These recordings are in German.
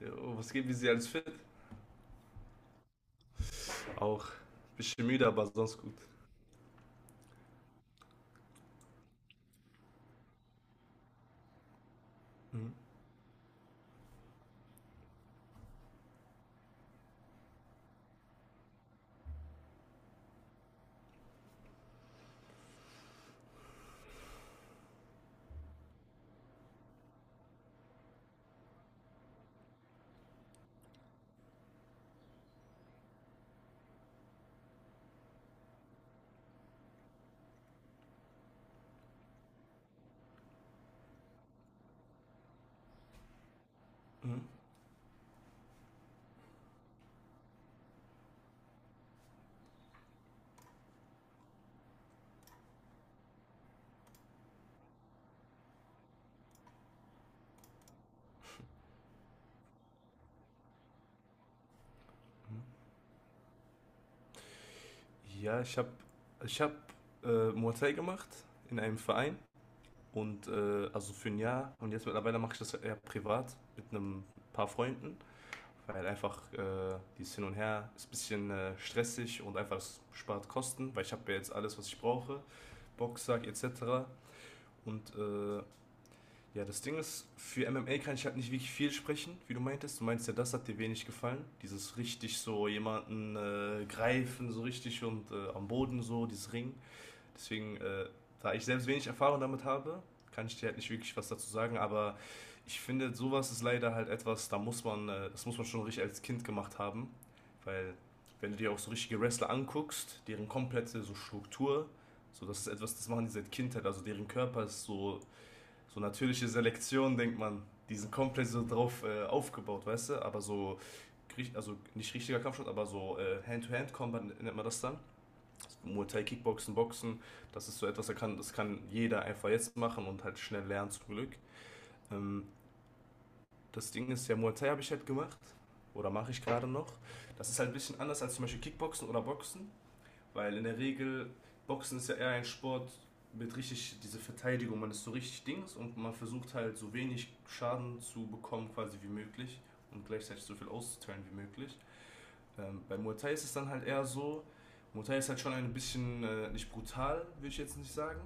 Jo, was geht, wie sie alles fit? Auch ein bisschen müde, aber sonst gut. Mhm. Mhm. Ja, ich hab Muay Thai gemacht in einem Verein und also für 1 Jahr, und jetzt mittlerweile mache ich das eher privat mit einem paar Freunden, weil einfach dieses Hin und Her ist ein bisschen stressig, und einfach es spart Kosten, weil ich habe ja jetzt alles, was ich brauche, Boxsack etc. Und ja, das Ding ist, für MMA kann ich halt nicht wirklich viel sprechen, wie du meintest. Du meinst ja, das hat dir wenig gefallen. Dieses richtig so jemanden greifen, so richtig, und am Boden so, dieses Ring. Deswegen, da ich selbst wenig Erfahrung damit habe, kann ich dir halt nicht wirklich was dazu sagen. Aber ich finde, sowas ist leider halt etwas, da muss man, das muss man schon richtig als Kind gemacht haben. Weil, wenn du dir auch so richtige Wrestler anguckst, deren komplette so Struktur, so, das ist etwas, das machen die seit Kindheit. Also deren Körper ist so natürliche Selektion, denkt man, die sind komplett so drauf aufgebaut, weißt du? Aber so, also nicht richtiger Kampfsport, aber so Hand-to-Hand-Combat nennt man das dann. Muay Thai, Kickboxen, Boxen, das ist so etwas, das kann jeder einfach jetzt machen und halt schnell lernen, zum Glück. Ähm, Das Ding ist ja, Muay Thai habe ich halt gemacht oder mache ich gerade noch. Das ist halt ein bisschen anders als zum Beispiel Kickboxen oder Boxen. Weil in der Regel, Boxen ist ja eher ein Sport mit richtig diese Verteidigung, man ist so richtig Dings, und man versucht halt so wenig Schaden zu bekommen quasi wie möglich und gleichzeitig so viel auszuteilen wie möglich. Bei Muay Thai ist es dann halt eher so, Muay Thai ist halt schon ein bisschen, nicht brutal, würde ich jetzt nicht sagen,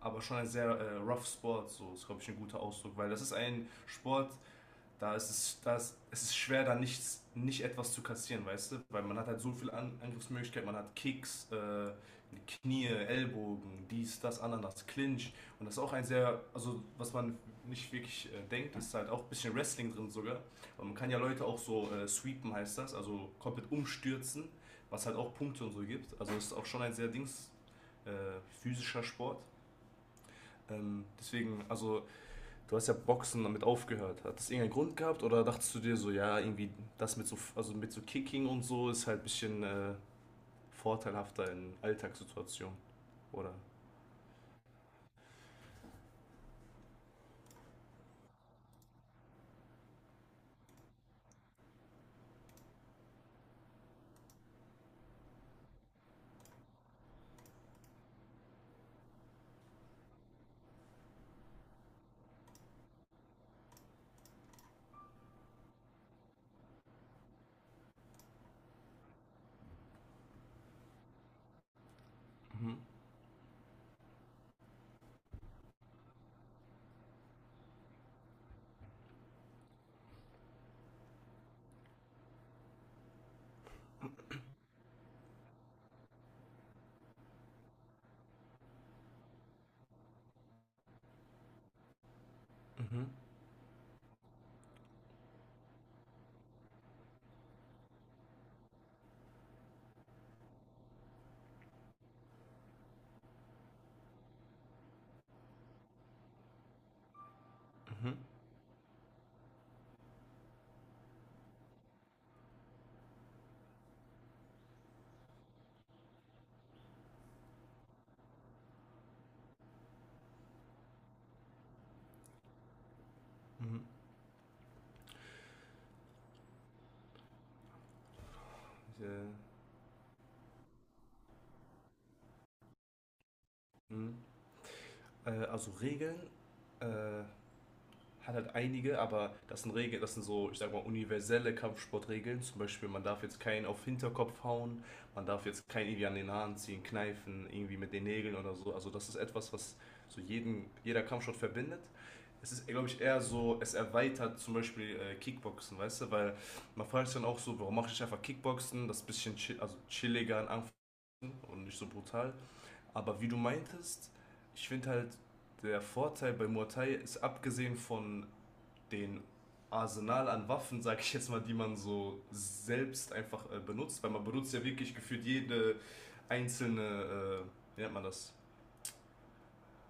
aber schon ein sehr rough Sport, so ist glaube ich ein guter Ausdruck, weil das ist ein Sport, es ist schwer, da nicht etwas zu kassieren, weißt du? Weil man hat halt so viele An Angriffsmöglichkeiten, man hat Kicks, Knie, Ellbogen, dies, das, Ananas, Clinch. Und das ist auch ein sehr, also was man nicht wirklich denkt, ist halt auch ein bisschen Wrestling drin sogar. Aber man kann ja Leute auch so sweepen, heißt das, also komplett umstürzen, was halt auch Punkte und so gibt. Also es ist auch schon ein sehr Dings, physischer Sport. Deswegen, also du hast ja Boxen damit aufgehört. Hat das irgendeinen Grund gehabt, oder dachtest du dir so, ja, irgendwie das mit so, also mit so Kicking und so ist halt ein bisschen vorteilhafter in Alltagssituationen? Oder? Mhm. Mhm. Mhm. Mhm. Äh, mhm. Also Regeln äh, hat halt einige, aber das sind Regeln, das sind so, ich sag mal, universelle Kampfsportregeln. Zum Beispiel, man darf jetzt keinen auf Hinterkopf hauen, man darf jetzt keinen irgendwie an den Haaren ziehen, kneifen, irgendwie mit den Nägeln oder so. Also das ist etwas, was so jeder Kampfsport verbindet. Es ist, glaube ich, eher so, es erweitert zum Beispiel Kickboxen, weißt du, weil man fragt sich dann auch so, warum mache ich einfach Kickboxen, das ist ein bisschen chill, also chilliger in Anführungszeichen und nicht so brutal. Aber wie du meintest, ich finde halt, der Vorteil bei Muay Thai ist abgesehen von den Arsenal an Waffen, sag ich jetzt mal, die man so selbst einfach benutzt, weil man benutzt ja wirklich gefühlt jede einzelne, wie nennt man das,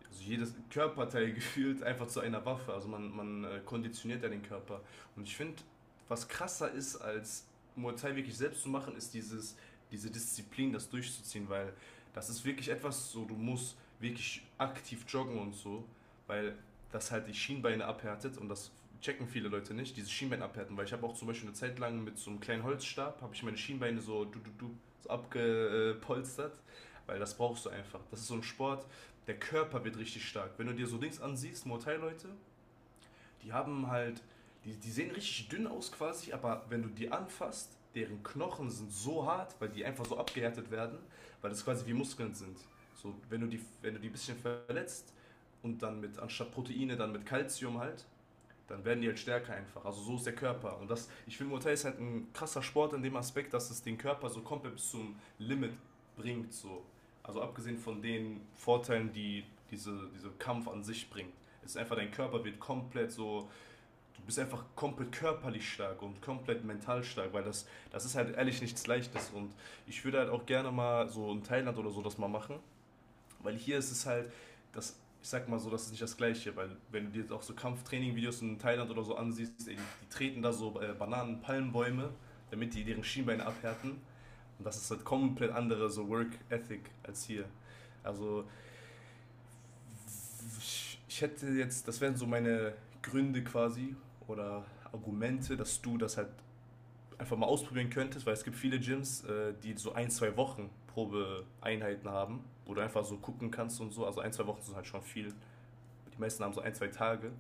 also jedes Körperteil gefühlt einfach zu einer Waffe. Also man konditioniert ja den Körper. Und ich finde, was krasser ist, als Muay Thai wirklich selbst zu machen, ist diese Disziplin, das durchzuziehen, weil das ist wirklich etwas so, du musst wirklich aktiv joggen und so, weil das halt die Schienbeine abhärtet, und das checken viele Leute nicht, diese Schienbeine abhärten, weil ich habe auch zum Beispiel eine Zeit lang mit so einem kleinen Holzstab, habe ich meine Schienbeine so, du, so abgepolstert, weil das brauchst du einfach. Das ist so ein Sport, der Körper wird richtig stark. Wenn du dir so Dings ansiehst, Mortal-Leute, die haben halt, die sehen richtig dünn aus quasi, aber wenn du die anfasst, deren Knochen sind so hart, weil die einfach so abgehärtet werden, weil das quasi wie Muskeln sind. So, wenn du die ein bisschen verletzt und dann mit, anstatt Proteine, dann mit Kalzium halt, dann werden die halt stärker einfach. Also so ist der Körper. Und das, ich finde, Muay Thai ist halt ein krasser Sport in dem Aspekt, dass es den Körper so komplett bis zum Limit bringt. So. Also abgesehen von den Vorteilen, die dieser Kampf an sich bringt. Es ist einfach, dein Körper wird komplett so, du bist einfach komplett körperlich stark und komplett mental stark, weil das ist halt ehrlich nichts Leichtes. Und ich würde halt auch gerne mal so in Thailand oder so das mal machen, weil hier ist es halt, das, ich sag mal so, das ist nicht das Gleiche, weil wenn du dir jetzt auch so Kampftraining-Videos in Thailand oder so ansiehst, die treten da so Bananen, Palmbäume, damit die deren Schienbeine abhärten. Und das ist halt komplett andere so Work-Ethic als hier. Also ich hätte jetzt, das wären so meine Gründe quasi oder Argumente, dass du das halt einfach mal ausprobieren könntest, weil es gibt viele Gyms, die so ein, zwei Wochen Probeeinheiten haben, wo du einfach so gucken kannst und so. Also ein, zwei Wochen sind halt schon viel. Die meisten haben so ein, zwei Tage.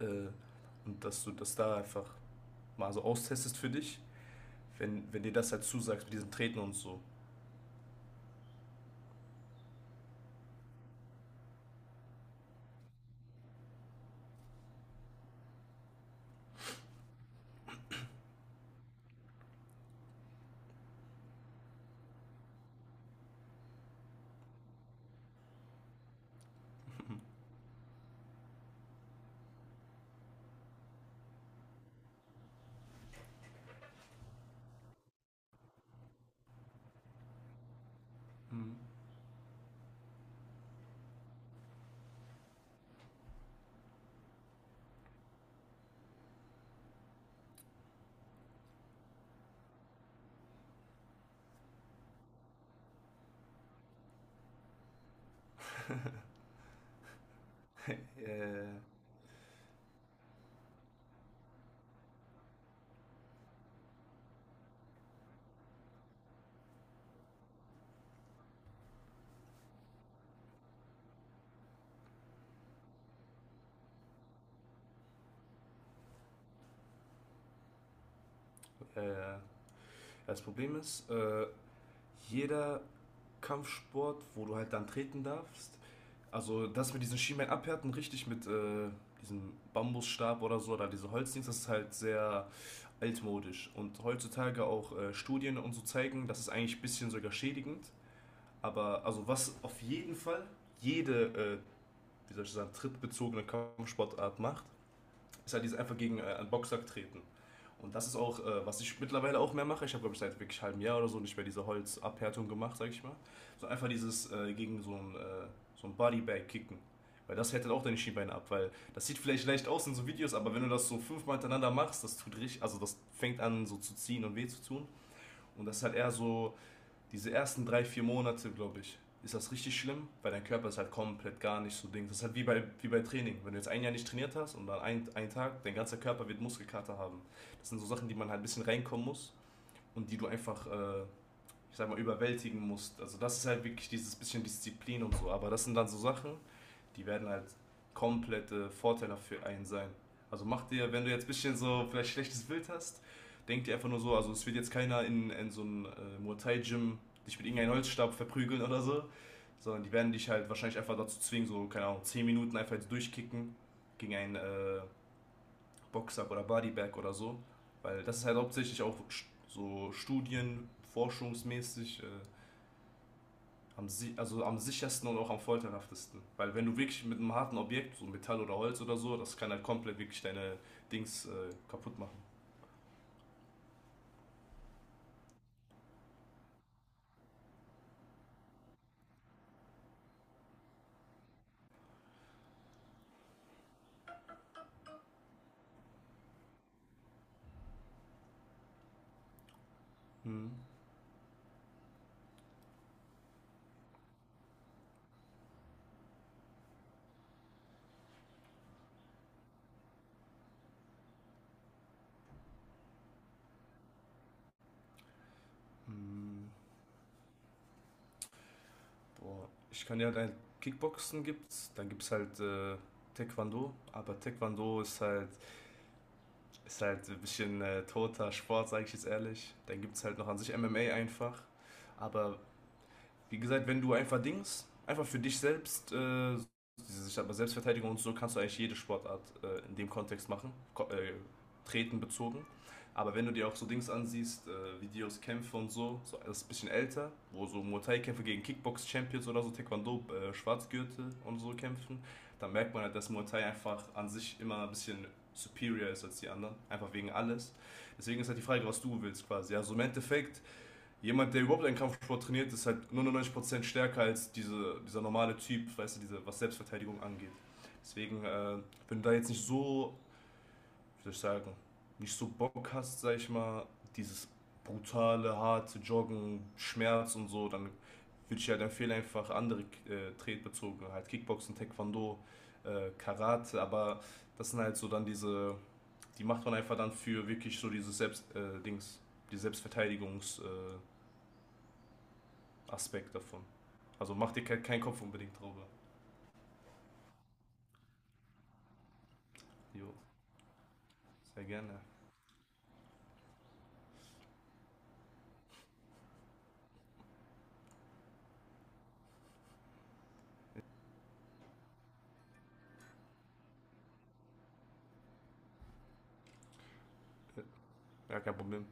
Äh, und dass du das da einfach mal so austestest für dich, wenn dir das halt zusagst mit diesen Treten und so. Mhm. äh, äh, Das Problem ist, jeder Kampfsport, wo du halt dann treten darfst, also das mit diesen Schienbein abhärten, richtig mit diesem Bambusstab oder so, oder diese Holzdings, das ist halt sehr altmodisch. Und heutzutage auch Studien und so zeigen, das ist eigentlich ein bisschen sogar schädigend. Aber also was auf jeden Fall jede, äh, wie soll ich sagen, trittbezogene Kampfsportart macht, ist halt dieses einfach gegen einen Boxsack treten. Und das ist auch, was ich mittlerweile auch mehr mache. Ich habe, glaube ich, seit wirklich einem 1/2 Jahr oder so nicht mehr diese Holzabhärtung gemacht, sag ich mal. So einfach dieses gegen so so ein Bodybag kicken. Weil das härtet auch deine Schienbeine ab, weil das sieht vielleicht leicht aus in so Videos, aber wenn du das so 5-mal hintereinander machst, das tut richtig, also das fängt an so zu ziehen und weh zu tun. Und das ist halt eher so diese ersten drei, vier Monate, glaube ich, ist das richtig schlimm, weil dein Körper ist halt komplett gar nicht so Ding. Das ist halt wie wie bei Training. Wenn du jetzt ein Jahr nicht trainiert hast und dann einen Tag, dein ganzer Körper wird Muskelkater haben. Das sind so Sachen, die man halt ein bisschen reinkommen muss und die du einfach, ich sag mal, überwältigen musst. Also das ist halt wirklich dieses bisschen Disziplin und so. Aber das sind dann so Sachen, die werden halt komplette Vorteile für einen sein. Also mach dir, wenn du jetzt ein bisschen so vielleicht schlechtes Bild hast, denk dir einfach nur so, also es wird jetzt keiner in so einem Muay Thai Gym dich mit irgendeinem Holzstab verprügeln oder so, sondern die werden dich halt wahrscheinlich einfach dazu zwingen, so, keine Ahnung, 10 Minuten einfach jetzt durchkicken gegen einen Boxsack oder Bodybag oder so. Weil das ist halt hauptsächlich auch so studien-, forschungsmäßig also am sichersten und auch am folterhaftesten. Weil wenn du wirklich mit einem harten Objekt, so Metall oder Holz oder so, das kann halt komplett wirklich deine Dings kaputt machen. Hm. Hm. Boah. Ich kann ja halt Kickboxen gibt's, dann gibt's halt Taekwondo, aber ist halt ein bisschen toter Sport, sage ich jetzt ehrlich. Dann gibt's halt noch an sich MMA einfach. Aber wie gesagt, wenn du einfach Dings, einfach für dich selbst, diese- ich sag mal, Selbstverteidigung und so, kannst du eigentlich jede Sportart in dem Kontext machen, ko treten bezogen. Aber wenn du dir auch so Dings ansiehst, Videos, Kämpfe und so, so das ist ein bisschen älter, wo so Muay Thai-Kämpfe gegen Kickbox-Champions oder so, Taekwondo, Schwarzgürtel und so kämpfen, dann merkt man halt, dass Muay Thai einfach an sich immer ein bisschen superior ist als die anderen, einfach wegen alles. Deswegen ist halt die Frage, was du willst quasi. Also im Endeffekt, jemand, der überhaupt einen Kampfsport trainiert, ist halt 99% stärker als dieser normale Typ, weißt du, diese, was Selbstverteidigung angeht. Deswegen, wenn du da jetzt nicht so, wie soll ich sagen, nicht so Bock hast, sag ich mal, dieses brutale, harte Joggen, Schmerz und so, dann würde ich halt empfehlen, einfach andere Tretbezogene, halt Kickboxen, Taekwondo, Karate, aber das sind halt so dann diese, die macht man einfach dann für wirklich so dieses Dings, die Aspekt davon. Also mach dir keinen Kopf unbedingt drüber. Jo, sehr gerne. Ja, kein Problem.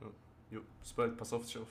Ja. Jo, bis bald, pass auf dich auf.